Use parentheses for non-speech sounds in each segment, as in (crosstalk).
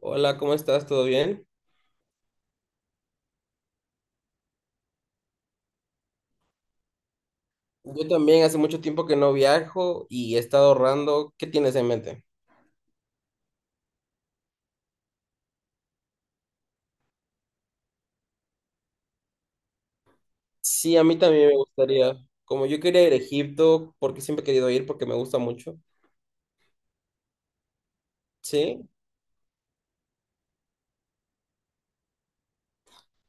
Hola, ¿cómo estás? ¿Todo bien? Yo también hace mucho tiempo que no viajo y he estado ahorrando. ¿Qué tienes en mente? Sí, a mí también me gustaría. Como yo quería ir a Egipto, porque siempre he querido ir, porque me gusta mucho. Sí,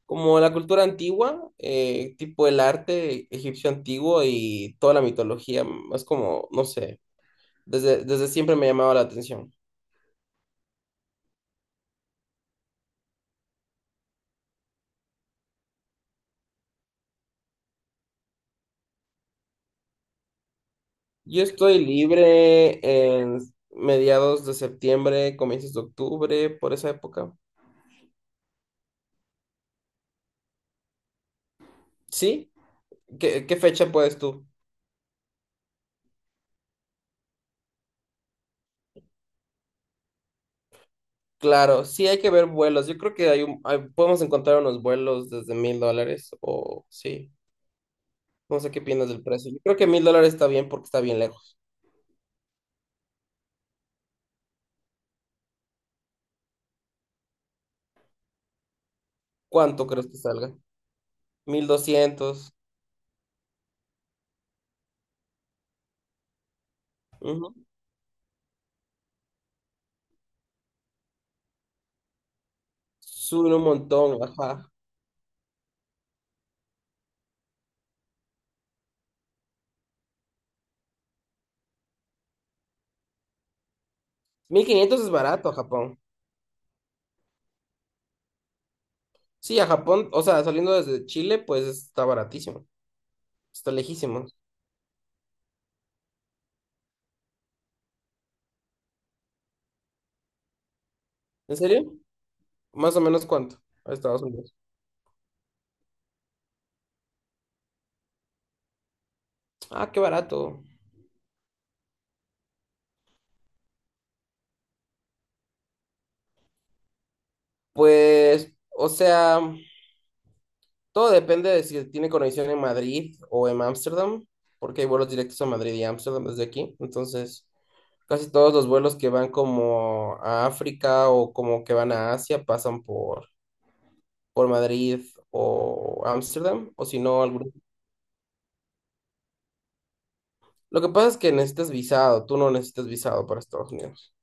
como la cultura antigua, tipo el arte egipcio antiguo y toda la mitología, es como, no sé, desde siempre me llamaba la atención. Yo estoy libre en mediados de septiembre, comienzos de octubre, por esa época. ¿Sí? ¿Qué fecha puedes tú? Claro, sí hay que ver vuelos. Yo creo que podemos encontrar unos vuelos desde $1000 o sí. No sé qué piensas del precio. Yo creo que $1000 está bien porque está bien lejos. ¿Cuánto crees que salga? 1200. Ujú. Suben un montón, ajá. 1500 es barato a Japón. Sí, a Japón, o sea, saliendo desde Chile, pues está baratísimo. Está lejísimo. ¿En serio? ¿Más o menos cuánto? A Estados Unidos. Ah, qué barato. Pues, o sea. Todo depende de si tiene conexión en Madrid o en Ámsterdam, porque hay vuelos directos a Madrid y Ámsterdam desde aquí. Entonces, casi todos los vuelos que van como a África o como que van a Asia pasan por Madrid o Ámsterdam, o si no, algún. Lo que pasa es que necesitas visado, tú no necesitas visado para Estados Unidos,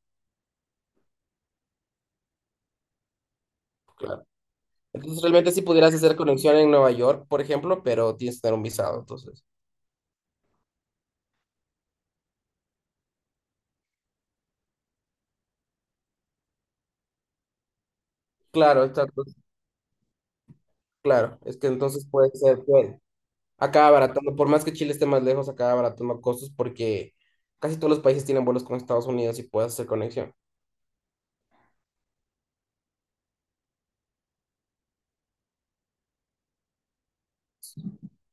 claro. Entonces, realmente sí pudieras hacer conexión en Nueva York, por ejemplo, pero tienes que tener un visado, entonces. Claro, exacto, claro. Es que entonces puede ser, acá abaratando, por más que Chile esté más lejos, acá abaratando costos porque casi todos los países tienen vuelos con Estados Unidos y puedes hacer conexión.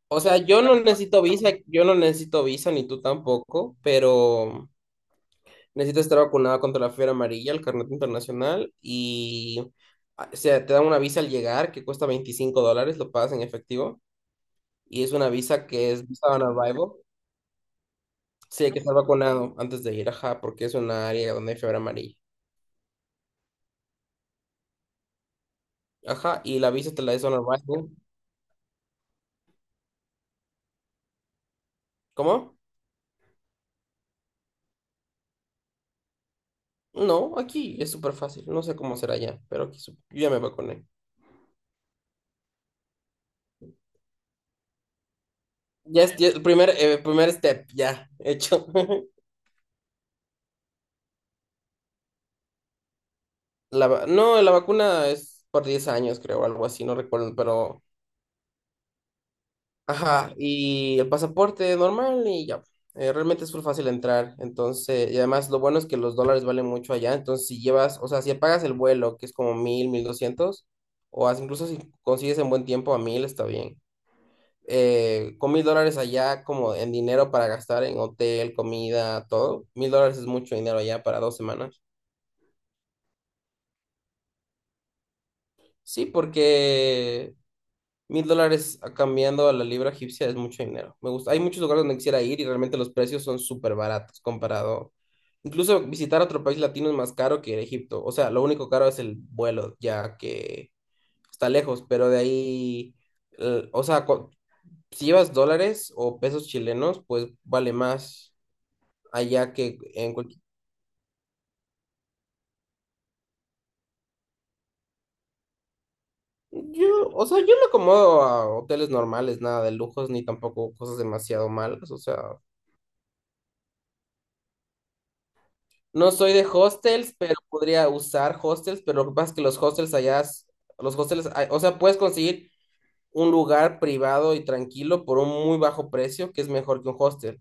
O sea, yo no necesito visa, yo no necesito visa, ni tú tampoco, pero necesito estar vacunado contra la fiebre amarilla, el carnet internacional y, ah, o sea, te dan una visa al llegar que cuesta $25, lo pagas en efectivo y es una visa que es visa on arrival. Sí, hay que estar vacunado antes de ir, ajá, porque es una área donde hay fiebre amarilla. Ajá, y la visa te la es on arrival. ¿Cómo? No, aquí es súper fácil. No sé cómo será ya, pero aquí yo ya me vacuné. Ya es el primer step, ya hecho. (laughs) No, la vacuna es por 10 años, creo, algo así, no recuerdo, pero. Ajá, y el pasaporte normal y ya. Realmente es muy fácil entrar, entonces, y además lo bueno es que los dólares valen mucho allá, entonces si llevas, o sea, si pagas el vuelo, que es como 1000, 1200, o incluso si consigues en buen tiempo a mil, está bien. Eh, con $1000 allá como en dinero para gastar en hotel, comida, todo, $1000 es mucho dinero allá para 2 semanas. Sí, porque $1000 cambiando a la libra egipcia es mucho dinero. Me gusta. Hay muchos lugares donde quisiera ir y realmente los precios son súper baratos comparado. Incluso visitar otro país latino es más caro que ir a Egipto. O sea, lo único caro es el vuelo, ya que está lejos, pero de ahí, o sea, si llevas dólares o pesos chilenos, pues vale más, allá que en cualquier. Yo, o sea, yo me acomodo a hoteles normales, nada de lujos, ni tampoco cosas demasiado malas, o sea, no soy de hostels, pero podría usar hostels, pero lo que pasa es que los hostels allá, los hostels, o sea, puedes conseguir un lugar privado y tranquilo por un muy bajo precio, que es mejor que un hostel.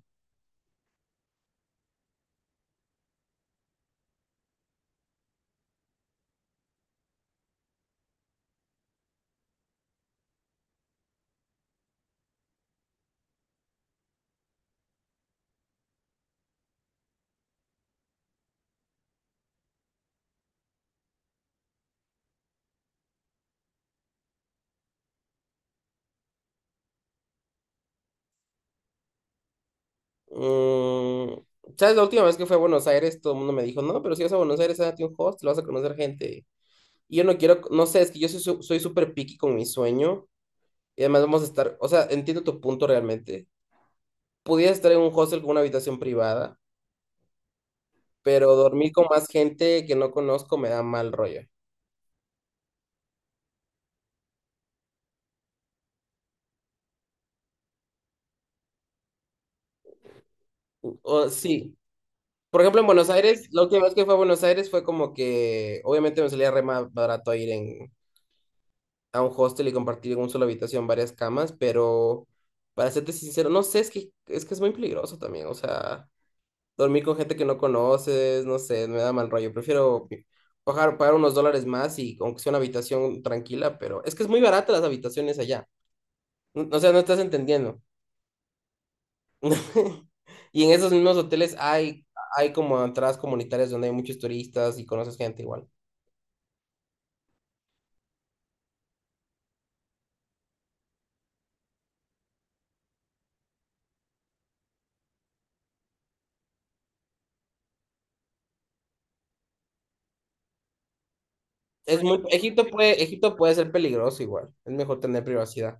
Mm, ¿Sabes? La última vez que fui a Buenos Aires, todo el mundo me dijo, no, pero si vas a Buenos Aires, hágate un hostel, vas a conocer gente. Y yo no quiero, no sé, es que yo soy soy súper picky con mi sueño. Y además vamos a estar, o sea, entiendo tu punto realmente. Pudiera estar en un hostel con una habitación privada, pero dormir con más gente que no conozco me da mal rollo. O, sí, por ejemplo, en Buenos Aires, la última vez que fue a Buenos Aires fue como que, obviamente me salía re más barato ir en, a un hostel y compartir en una sola habitación varias camas, pero para serte sincero, no sé, es que es muy peligroso también, o sea. Dormir con gente que no conoces, no sé, me da mal rollo. Prefiero pagar unos dólares más y aunque sea una habitación tranquila, pero es que es muy barata las habitaciones allá. O sea, no estás entendiendo. (laughs) Y en esos mismos hoteles hay como entradas comunitarias donde hay muchos turistas y conoces gente igual. Egipto puede ser peligroso igual. Es mejor tener privacidad.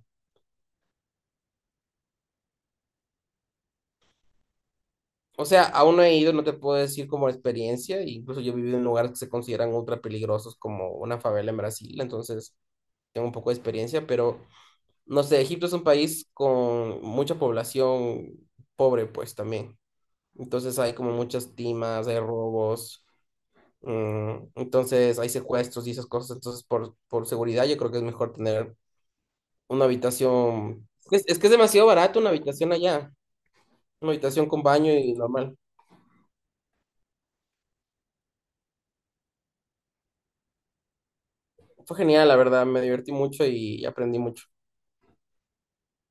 O sea, aún no he ido, no te puedo decir como experiencia, e incluso yo he vivido en lugares que se consideran ultra peligrosos como una favela en Brasil, entonces tengo un poco de experiencia, pero no sé, Egipto es un país con mucha población pobre pues también, entonces hay como muchas timas, hay robos, mm, entonces hay secuestros y esas cosas, entonces por seguridad yo creo que es mejor tener una habitación, es que es demasiado barato una habitación allá, una habitación con baño y normal. Fue genial, la verdad, me divertí mucho y aprendí mucho.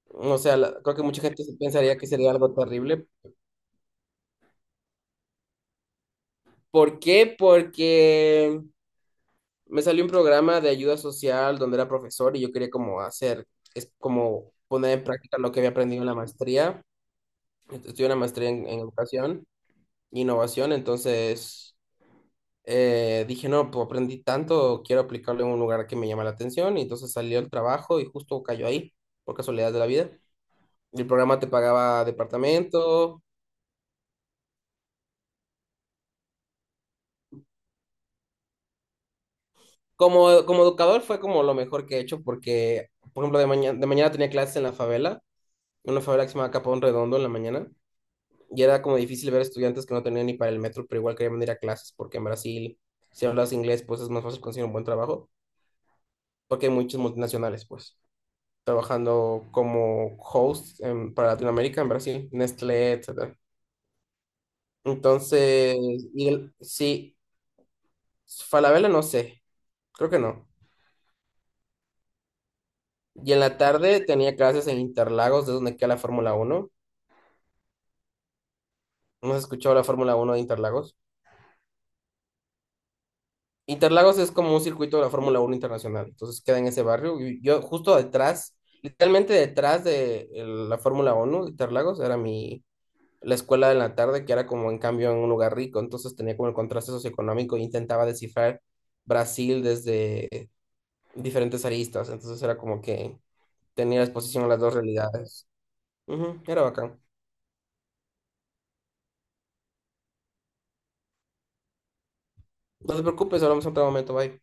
O sea, creo que mucha gente se pensaría que sería algo terrible. ¿Por qué? Porque me salió un programa de ayuda social donde era profesor y yo quería como hacer, es como poner en práctica lo que había aprendido en la maestría. Estudié una maestría en, educación e innovación, entonces dije, no, pues aprendí tanto, quiero aplicarlo en un lugar que me llama la atención y entonces salió el trabajo y justo cayó ahí, por casualidad de la vida. El programa te pagaba departamento. Como educador fue como lo mejor que he hecho porque, por ejemplo, de mañana tenía clases en la favela, en una favela que se llama Capón Redondo en la mañana, y era como difícil ver estudiantes que no tenían ni para el metro, pero igual querían venir a clases porque en Brasil, si hablas inglés, pues es más fácil conseguir un buen trabajo, porque hay muchos multinacionales, pues, trabajando como host para Latinoamérica, en Brasil, Nestlé, etcétera. Entonces, sí, Falabella no sé, creo que no. Y en la tarde tenía clases en Interlagos, de donde queda la Fórmula Uno. ¿No has escuchado la Fórmula uno de Interlagos? Interlagos es como un circuito de la Fórmula uno internacional, entonces queda en ese barrio. Y yo justo detrás, literalmente detrás la Fórmula uno de Interlagos, era mi, la escuela de la tarde, que era como en cambio en un lugar rico, entonces tenía como el contraste socioeconómico e intentaba descifrar Brasil desde diferentes aristas, entonces era como que tenía exposición a las dos realidades. Ujú, era bacán. No te preocupes, hablamos en otro momento, bye.